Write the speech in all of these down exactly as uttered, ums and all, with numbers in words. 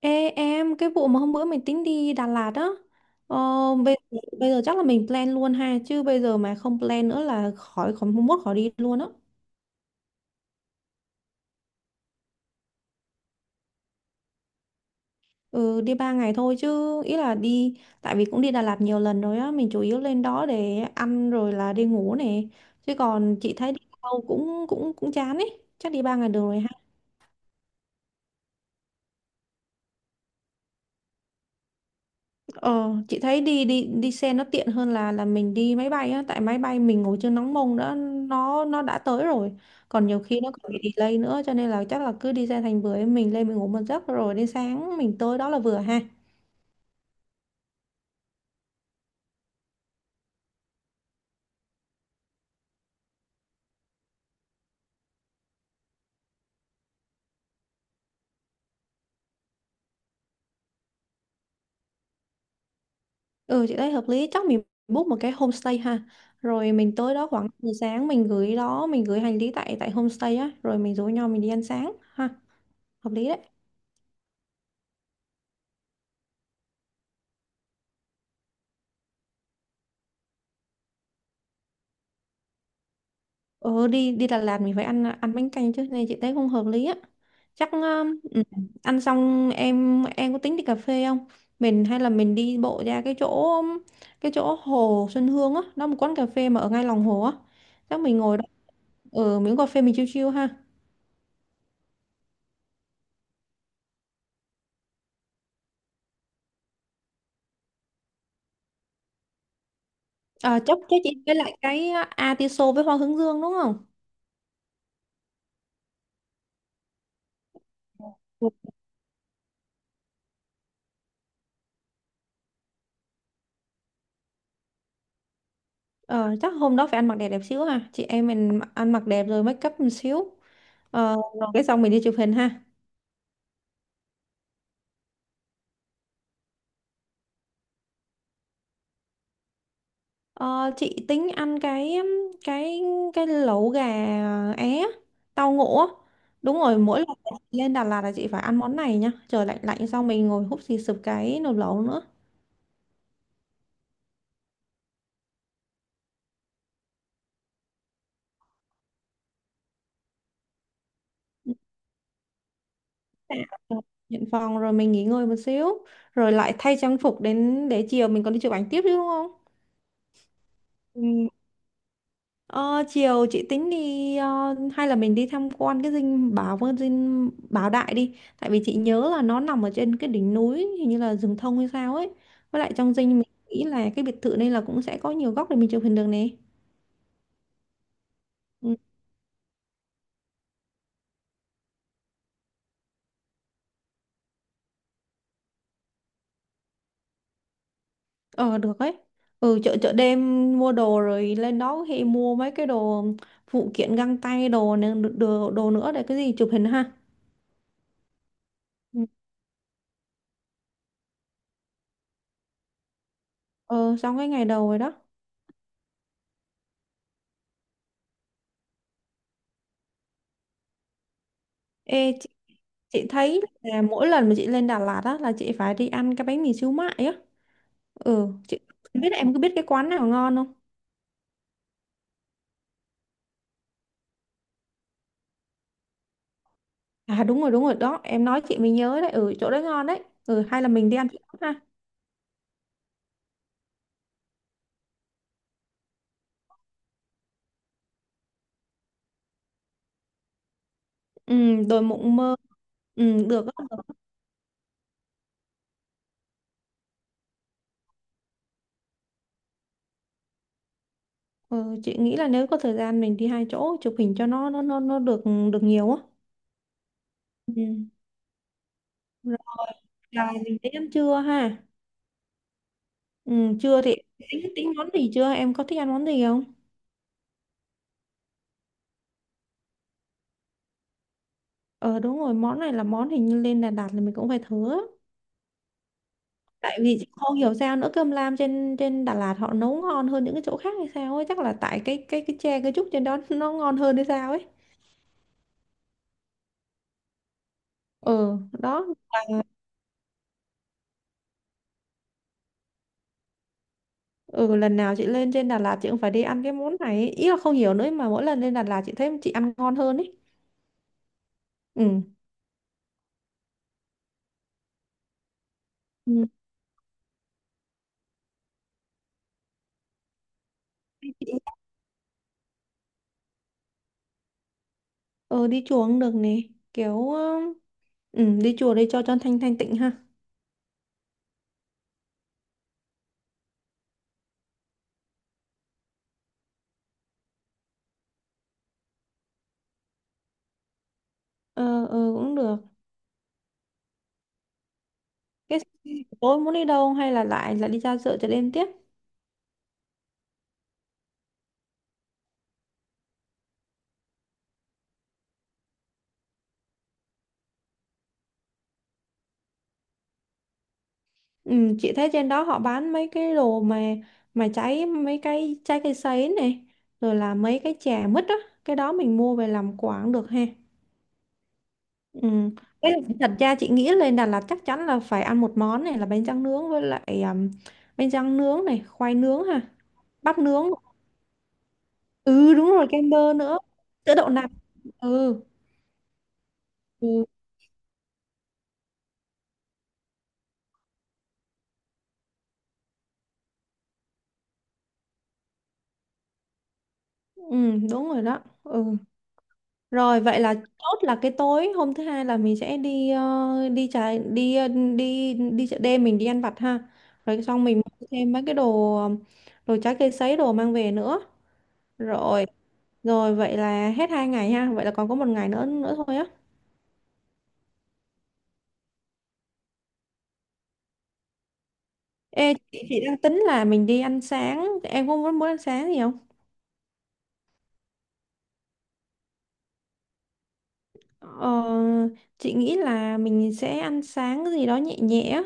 Ê em, cái vụ mà hôm bữa mình tính đi Đà Lạt á, ờ, bây, bây giờ chắc là mình plan luôn ha, chứ bây giờ mà không plan nữa là khỏi khỏi mốt khỏi đi luôn á. Ừ, đi ba ngày thôi chứ, ý là đi, tại vì cũng đi Đà Lạt nhiều lần rồi á, mình chủ yếu lên đó để ăn rồi là đi ngủ này. Chứ còn chị thấy đi đâu cũng cũng cũng chán ấy, chắc đi ba ngày được rồi ha. Ờ, chị thấy đi đi đi xe nó tiện hơn là là mình đi máy bay á, tại máy bay mình ngồi chưa nóng mông đã nó nó đã tới rồi. Còn nhiều khi nó còn bị delay nữa, cho nên là chắc là cứ đi ra thành bưởi mình lên mình ngủ một giấc rồi đến sáng mình tới đó là vừa ha. Ừ, chị thấy hợp lý, chắc mình book một cái homestay ha. Rồi mình tới đó khoảng mười sáng mình gửi đó, mình gửi hành lý tại tại homestay á, rồi mình rủ nhau mình đi ăn sáng ha. Hợp lý đấy. Ờ, đi đi Đà Lạt mình phải ăn ăn bánh canh chứ, nên chị thấy không hợp lý á. Chắc um, ừ, ăn xong em em có tính đi cà phê không, mình hay là mình đi bộ ra cái chỗ um, cái chỗ hồ Xuân Hương á, nó một quán cà phê mà ở ngay lòng hồ á, chắc mình ngồi đó ở miếng cà phê mình chill chill ha. À, chắc chắc chị với lại cái atiso với hoa hướng dương đúng không. Ờ, chắc hôm đó phải ăn mặc đẹp đẹp xíu ha, chị em mình ăn mặc đẹp rồi make up một xíu. Ờ, rồi cái xong mình đi chụp hình ha. Ờ, chị tính ăn cái cái cái lẩu gà é tàu ngũ á. Đúng rồi, mỗi lần chị lên Đà Lạt là chị phải ăn món này nha, trời lạnh lạnh xong mình ngồi húp xì sụp cái nồi lẩu nữa. Dạ. Nhận phòng rồi mình nghỉ ngơi một xíu rồi lại thay trang phục đến để chiều mình còn đi chụp ảnh tiếp chứ đúng không. Ừ, ờ, chiều chị tính đi ờ, hay là mình đi tham quan cái dinh bảo cái dinh Bảo Đại đi, tại vì chị nhớ là nó nằm ở trên cái đỉnh núi hình như là rừng thông hay sao ấy, với lại trong dinh mình nghĩ là cái biệt thự này là cũng sẽ có nhiều góc để mình chụp hình được nè. Ừ, ờ, được ấy. Ừ, chợ chợ đêm mua đồ rồi lên đó thì mua mấy cái đồ phụ kiện găng tay đồ nữa- đồ, đồ nữa để cái gì chụp hình ha. Ừ, ờ xong cái ngày đầu rồi đó. Ê, chị thấy là mỗi lần mà chị lên Đà Lạt á là chị phải đi ăn cái bánh mì xíu mại á. Ừ, chị không biết em có biết cái quán nào ngon không. À đúng rồi đúng rồi đó, em nói chị mới nhớ đấy, ừ chỗ đấy ngon đấy. Ừ, hay là mình đi ăn chỗ đó ha. Ừ, đồi mộng mơ. Ừ, được á. Ừ, chị nghĩ là nếu có thời gian mình đi hai chỗ chụp hình cho nó nó nó nó được được nhiều á. Ừ, rồi là mình đến ăn trưa ha. Ừ, trưa thì tính tính món gì chưa, em có thích ăn món gì không. Ờ đúng rồi, món này là món hình như lên Đà Lạt là mình cũng phải thử á. Tại vì chị không hiểu sao nữa, cơm lam trên trên Đà Lạt họ nấu ngon hơn những cái chỗ khác hay sao ấy, chắc là tại cái cái cái tre cái trúc trên đó nó ngon hơn hay sao ấy. Ừ đó là, ừ lần nào chị lên trên Đà Lạt chị cũng phải đi ăn cái món này ấy. Ý là không hiểu nữa mà mỗi lần lên Đà Lạt chị thấy chị ăn ngon hơn ấy. Ừ. Ừ. Chị-, ừ, đi chùa cũng được nè, kiểu ừ, đi chùa đi cho cho thanh thanh tịnh ha. Ờ, ừ, cũng được. Cái tối muốn đi đâu hay là lại lại đi ra chợ chợ đêm tiếp. Ừ, chị thấy trên đó họ bán mấy cái đồ mà mà cháy mấy cái trái cây sấy này rồi là mấy cái chè mứt á, cái đó mình mua về làm quà cũng được ha. Ừ. Cái thật ra chị nghĩ lên Đà Lạt chắc chắn là phải ăn một món này là bánh tráng nướng, với lại um, bánh tráng nướng này khoai nướng ha, bắp nướng. Ừ đúng rồi, kem bơ nữa, sữa đậu nạc. Ừ. Ừ, ừ đúng rồi đó ừ. Rồi vậy là chốt là cái tối hôm thứ hai là mình sẽ đi ờ, đi trái đi ờ, đi đi chợ đêm mình đi ăn vặt ha. Rồi xong mình mua thêm mấy cái đồ ờ, đồ trái cây sấy đồ mang về nữa. Rồi Rồi vậy là hết hai ngày ha. Vậy là còn có một ngày nữa nữa thôi á. Ê chị, chị đang tính là mình đi ăn sáng. Em có muốn muốn ăn sáng gì không? Ờ, chị nghĩ là mình sẽ ăn sáng cái gì đó nhẹ nhẹ á.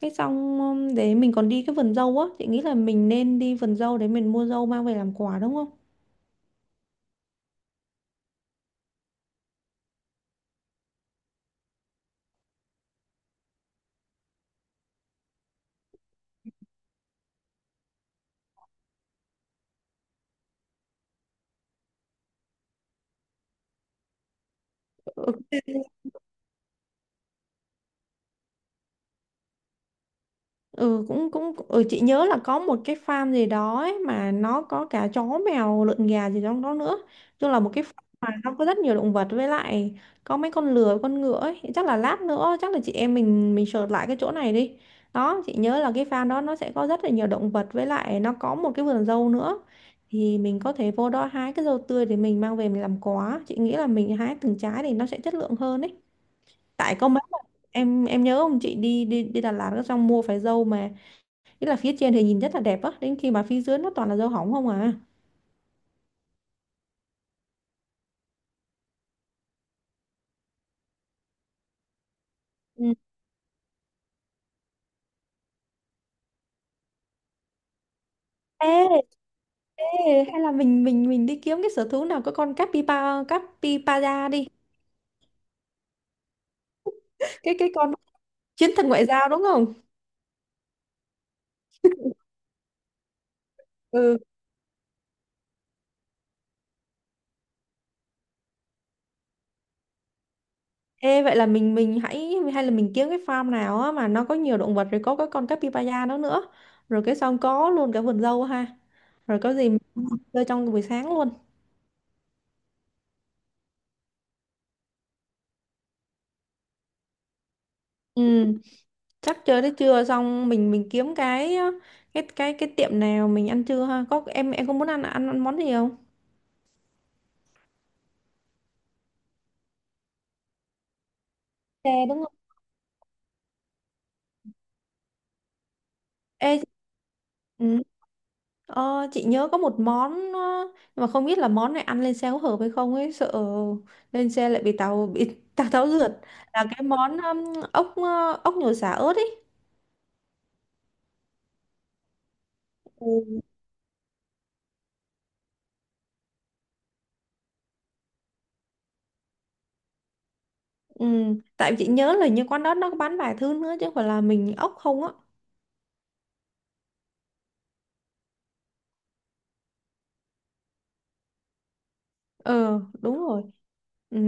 Cái xong um, để mình còn đi cái vườn dâu á, chị nghĩ là mình nên đi vườn dâu để mình mua dâu mang về làm quà đúng không. Ok, ừ cũng cũng ừ, chị nhớ là có một cái farm gì đó ấy, mà nó có cả chó mèo lợn gà gì trong đó nữa. Chung là một cái farm mà nó có rất nhiều động vật, với lại có mấy con lừa con ngựa ấy, chắc là lát nữa chắc là chị em mình mình search lại cái chỗ này đi. Đó, chị nhớ là cái farm đó nó sẽ có rất là nhiều động vật, với lại nó có một cái vườn dâu nữa, thì mình có thể vô đó hái cái dâu tươi để mình mang về mình làm quà, chị nghĩ là mình hái từng trái thì nó sẽ chất lượng hơn ấy. Tại có mấy em em nhớ không, chị đi đi đi Đà Lạt xong mua phải dâu mà nghĩa là phía trên thì nhìn rất là đẹp á, đến khi mà phía dưới nó toàn là dâu hỏng không à. Ừ. Ê, ê, hay là mình mình mình đi kiếm cái sở thú nào có con capybara capybara đi. Cái cái con chiến thần ngoại giao đúng không? Ừ. Ê vậy là mình mình hãy hay là mình kiếm cái farm nào á mà nó có nhiều động vật rồi có cái con capybara đó nữa. Rồi cái xong có luôn cả vườn dâu ha. Rồi có gì mình chơi trong buổi sáng luôn. Ừ, chắc chơi tới trưa xong mình mình kiếm cái cái cái cái tiệm nào mình ăn trưa ha. Có em em có muốn ăn ăn, ăn món gì không? Chè đúng không? Ê, ừ, ờ, chị nhớ có một món ờ, nhưng mà không biết là món này ăn lên xe có hợp hay không ấy, sợ lên xe lại bị tàu bị tàu tháo rượt, là cái món um, ốc ờ, ốc nhồi sả ớt ấy. Ừ. Ừ, tại chị nhớ là như quán đó nó có bán vài thứ nữa chứ không phải là mình ốc không á. Ờ đúng rồi. Ừ.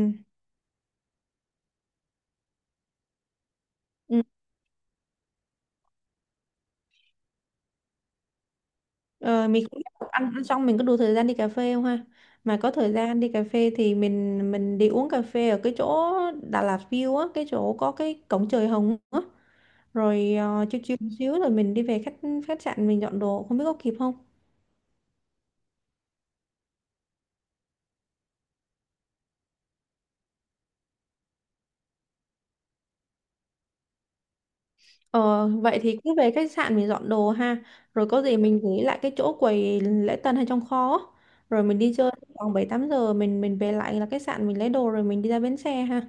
Ừ. Ờ, mình cũng ăn ăn xong mình có đủ thời gian đi cà phê không ha? Mà có thời gian đi cà phê thì mình mình đi uống cà phê ở cái chỗ Đà Lạt View á, cái chỗ có cái cổng trời hồng á. Rồi ờ, chill chill một xíu rồi mình đi về khách khách sạn mình dọn đồ, không biết có kịp không? Ờ, vậy thì cứ về khách sạn mình dọn đồ ha. Rồi có gì mình gửi lại cái chỗ quầy lễ tân hay trong kho á. Rồi mình đi chơi khoảng bảy tám giờ mình mình về lại là khách sạn mình lấy đồ rồi mình đi ra bến xe ha.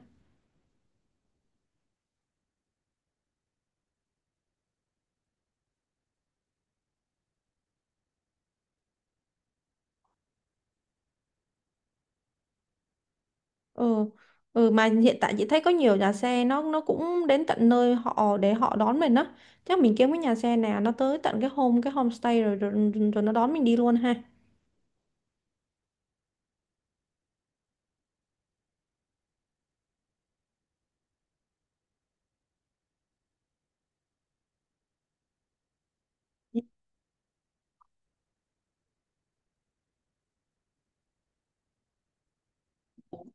Ừ. Ừ mà hiện tại chị thấy có nhiều nhà xe nó nó cũng đến tận nơi họ để họ đón mình á. Chắc mình kiếm cái nhà xe nào nó tới tận cái home cái homestay rồi, rồi rồi nó đón mình đi luôn ha.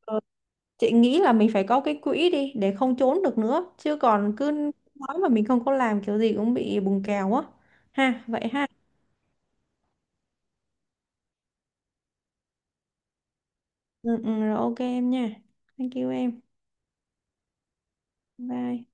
Ờ, chị nghĩ là mình phải có cái quỹ đi để không trốn được nữa, chứ còn cứ nói mà mình không có làm kiểu gì cũng bị bùng kèo á. Ha, vậy ha. Ừ, ừ, rồi ok em nha. Thank you em. Bye.